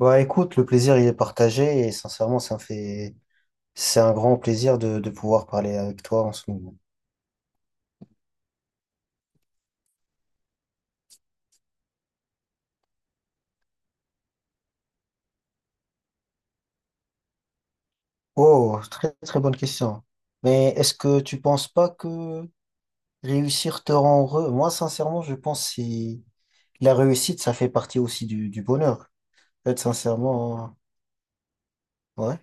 Bah écoute, le plaisir il est partagé et sincèrement ça me fait c'est un grand plaisir de pouvoir parler avec toi en ce moment. Oh, très très bonne question. Mais est-ce que tu penses pas que réussir te rend heureux? Moi sincèrement je pense que si la réussite ça fait partie aussi du bonheur. En fait, sincèrement, ouais.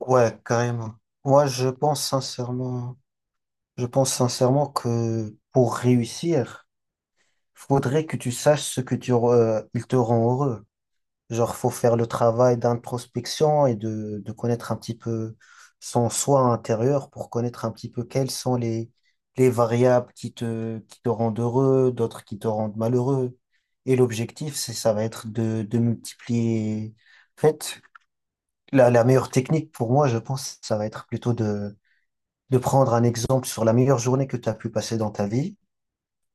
Ouais, carrément. Moi je pense sincèrement Je pense sincèrement que pour réussir, faudrait que tu saches ce que tu re- il te rend heureux. Genre, faut faire le travail d'introspection et de connaître un petit peu son soi intérieur pour connaître un petit peu quelles sont les variables qui te rendent heureux, d'autres qui te rendent malheureux. Et l'objectif, ça va être de multiplier. En fait, la meilleure technique pour moi, je pense, ça va être plutôt de prendre un exemple sur la meilleure journée que tu as pu passer dans ta vie,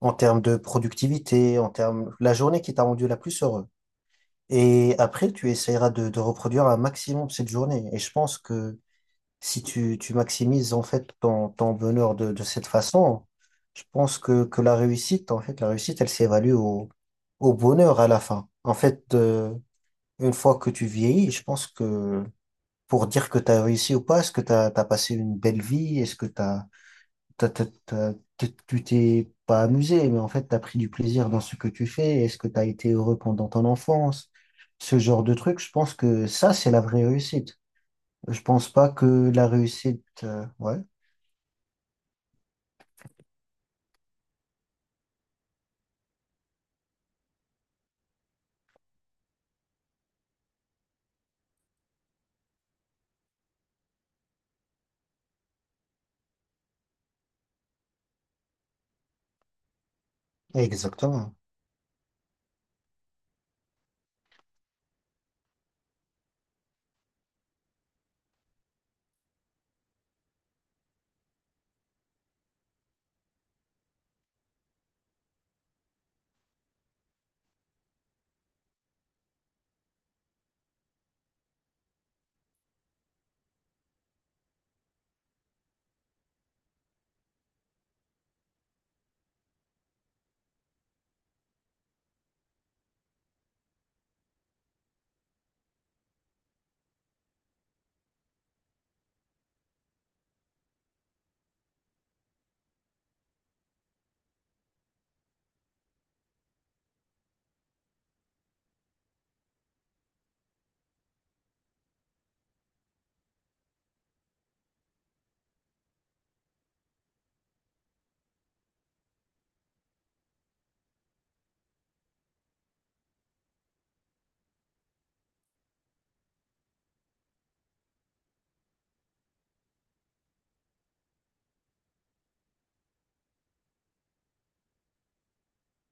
en termes de productivité, en termes, la journée qui t'a rendu la plus heureux. Et après, tu essaieras de reproduire un maximum cette journée. Et je pense que si tu maximises en fait ton bonheur de cette façon, je pense que la réussite, en fait, la réussite, elle s'évalue au bonheur à la fin. En fait, une fois que tu vieillis, je pense que pour dire que tu as réussi ou pas, est-ce que tu as passé une belle vie? Est-ce que tu as, tu t'es pas amusé, mais en fait, tu as pris du plaisir dans ce que tu fais. Est-ce que tu as été heureux pendant ton enfance? Ce genre de truc, je pense que ça, c'est la vraie réussite. Je pense pas que la réussite, ouais, exactement.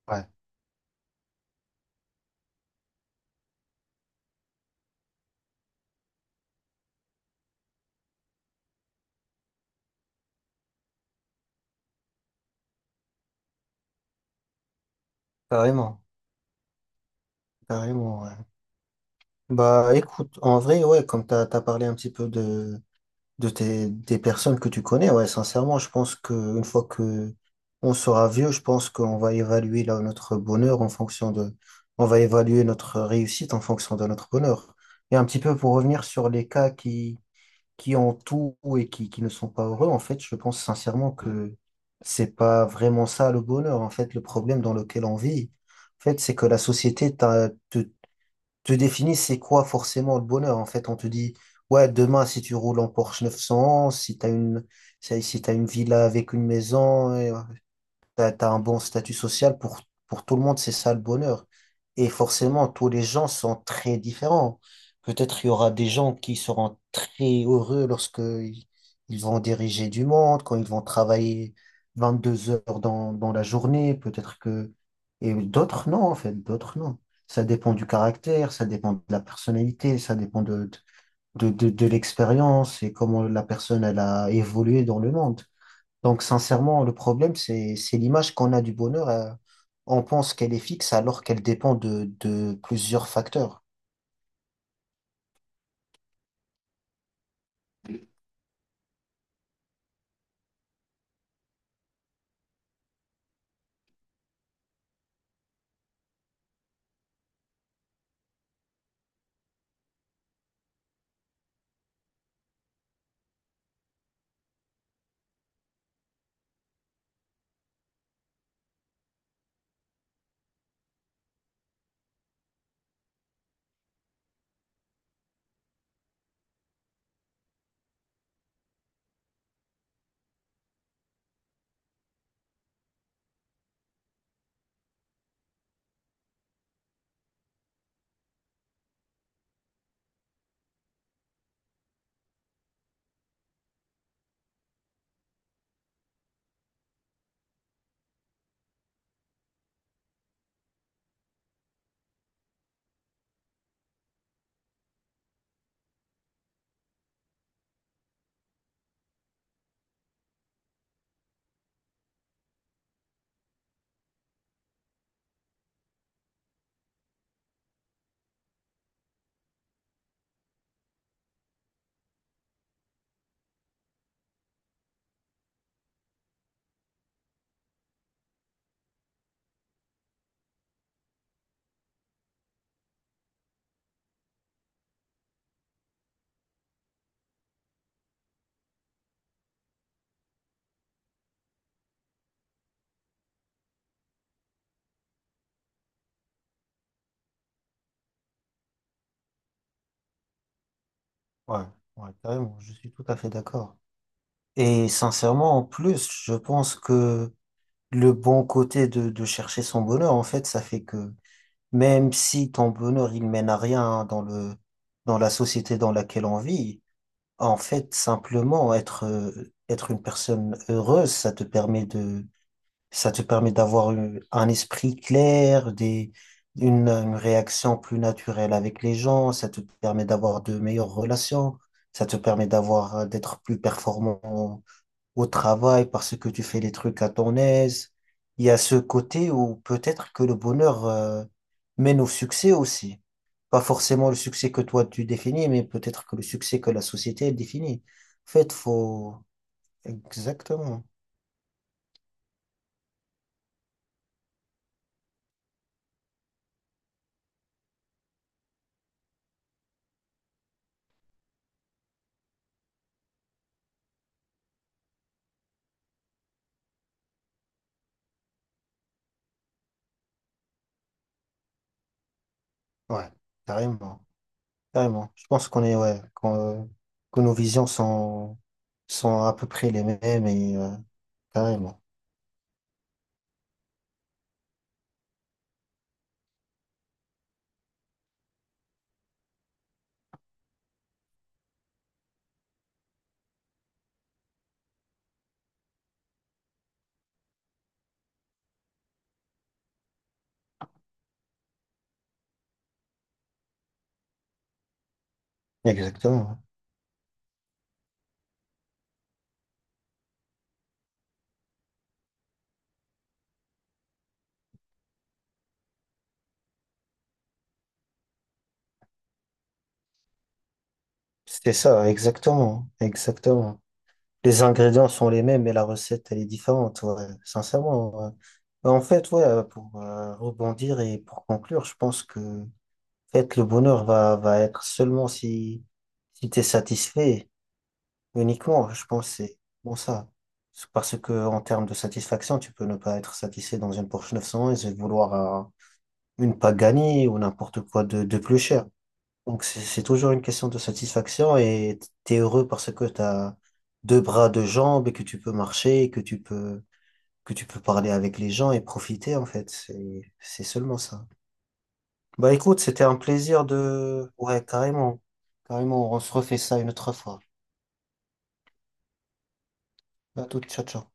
Ouais, carrément, carrément, ouais. Bah, écoute, en vrai, ouais, comme t'as parlé un petit peu des personnes que tu connais, ouais, sincèrement, je pense que une fois que on sera vieux, je pense qu'on va évaluer là, notre bonheur en fonction de, on va évaluer notre réussite en fonction de notre bonheur. Et un petit peu pour revenir sur les cas qui ont tout et qui ne sont pas heureux, en fait, je pense sincèrement que c'est pas vraiment ça le bonheur. En fait, le problème dans lequel on vit, en fait, c'est que la société te définit c'est quoi forcément le bonheur. En fait, on te dit, ouais, demain, si tu roules en Porsche 911, si t'as une villa avec une maison, et t'as, un bon statut social pour tout le monde, c'est ça le bonheur. Et forcément, tous les gens sont très différents. Peut-être il y aura des gens qui seront très heureux lorsque ils vont diriger du monde, quand ils vont travailler 22 heures dans la journée, peut-être que... Et d'autres, non, en fait, d'autres, non. Ça dépend du caractère, ça dépend de la personnalité, ça dépend de l'expérience et comment la personne, elle a évolué dans le monde. Donc, sincèrement, le problème, c'est l'image qu'on a du bonheur. On pense qu'elle est fixe alors qu'elle dépend de plusieurs facteurs. Ouais, ouais, carrément, je suis tout à fait d'accord. Et sincèrement, en plus, je pense que le bon côté de chercher son bonheur, en fait, ça fait que même si ton bonheur, il mène à rien dans dans la société dans laquelle on vit, en fait, simplement être une personne heureuse, ça te permet de. Ça te permet d'avoir eu un esprit clair, une réaction plus naturelle avec les gens. Ça te permet d'avoir de meilleures relations. Ça te permet d'avoir, d'être plus performant au travail parce que tu fais les trucs à ton aise. Il y a ce côté où peut-être que le bonheur, mène au succès aussi. Pas forcément le succès que toi tu définis, mais peut-être que le succès que la société elle définit. En fait, faut... Exactement. Ouais, carrément. Carrément. Je pense qu'on est, ouais, que nos visions sont à peu près les mêmes carrément. Exactement. C'était ça, exactement. Exactement. Les ingrédients sont les mêmes, mais la recette, elle est différente, ouais, sincèrement. Ouais. Mais en fait, ouais, pour rebondir et pour conclure, je pense que en fait, va être seulement si, si tu es satisfait. Uniquement, ouais, je pense, c'est bon ça. C'est Parce que en termes de satisfaction, tu peux ne pas être satisfait dans une Porsche 911 et vouloir une Pagani ou n'importe quoi de plus cher. Donc c'est toujours une question de satisfaction et t'es heureux parce que t'as deux bras, deux jambes et que tu peux marcher, et que tu peux parler avec les gens et profiter en fait. C'est seulement ça. Bah écoute, c'était un plaisir de ouais carrément carrément. On se refait ça une autre fois. À toute, ciao ciao.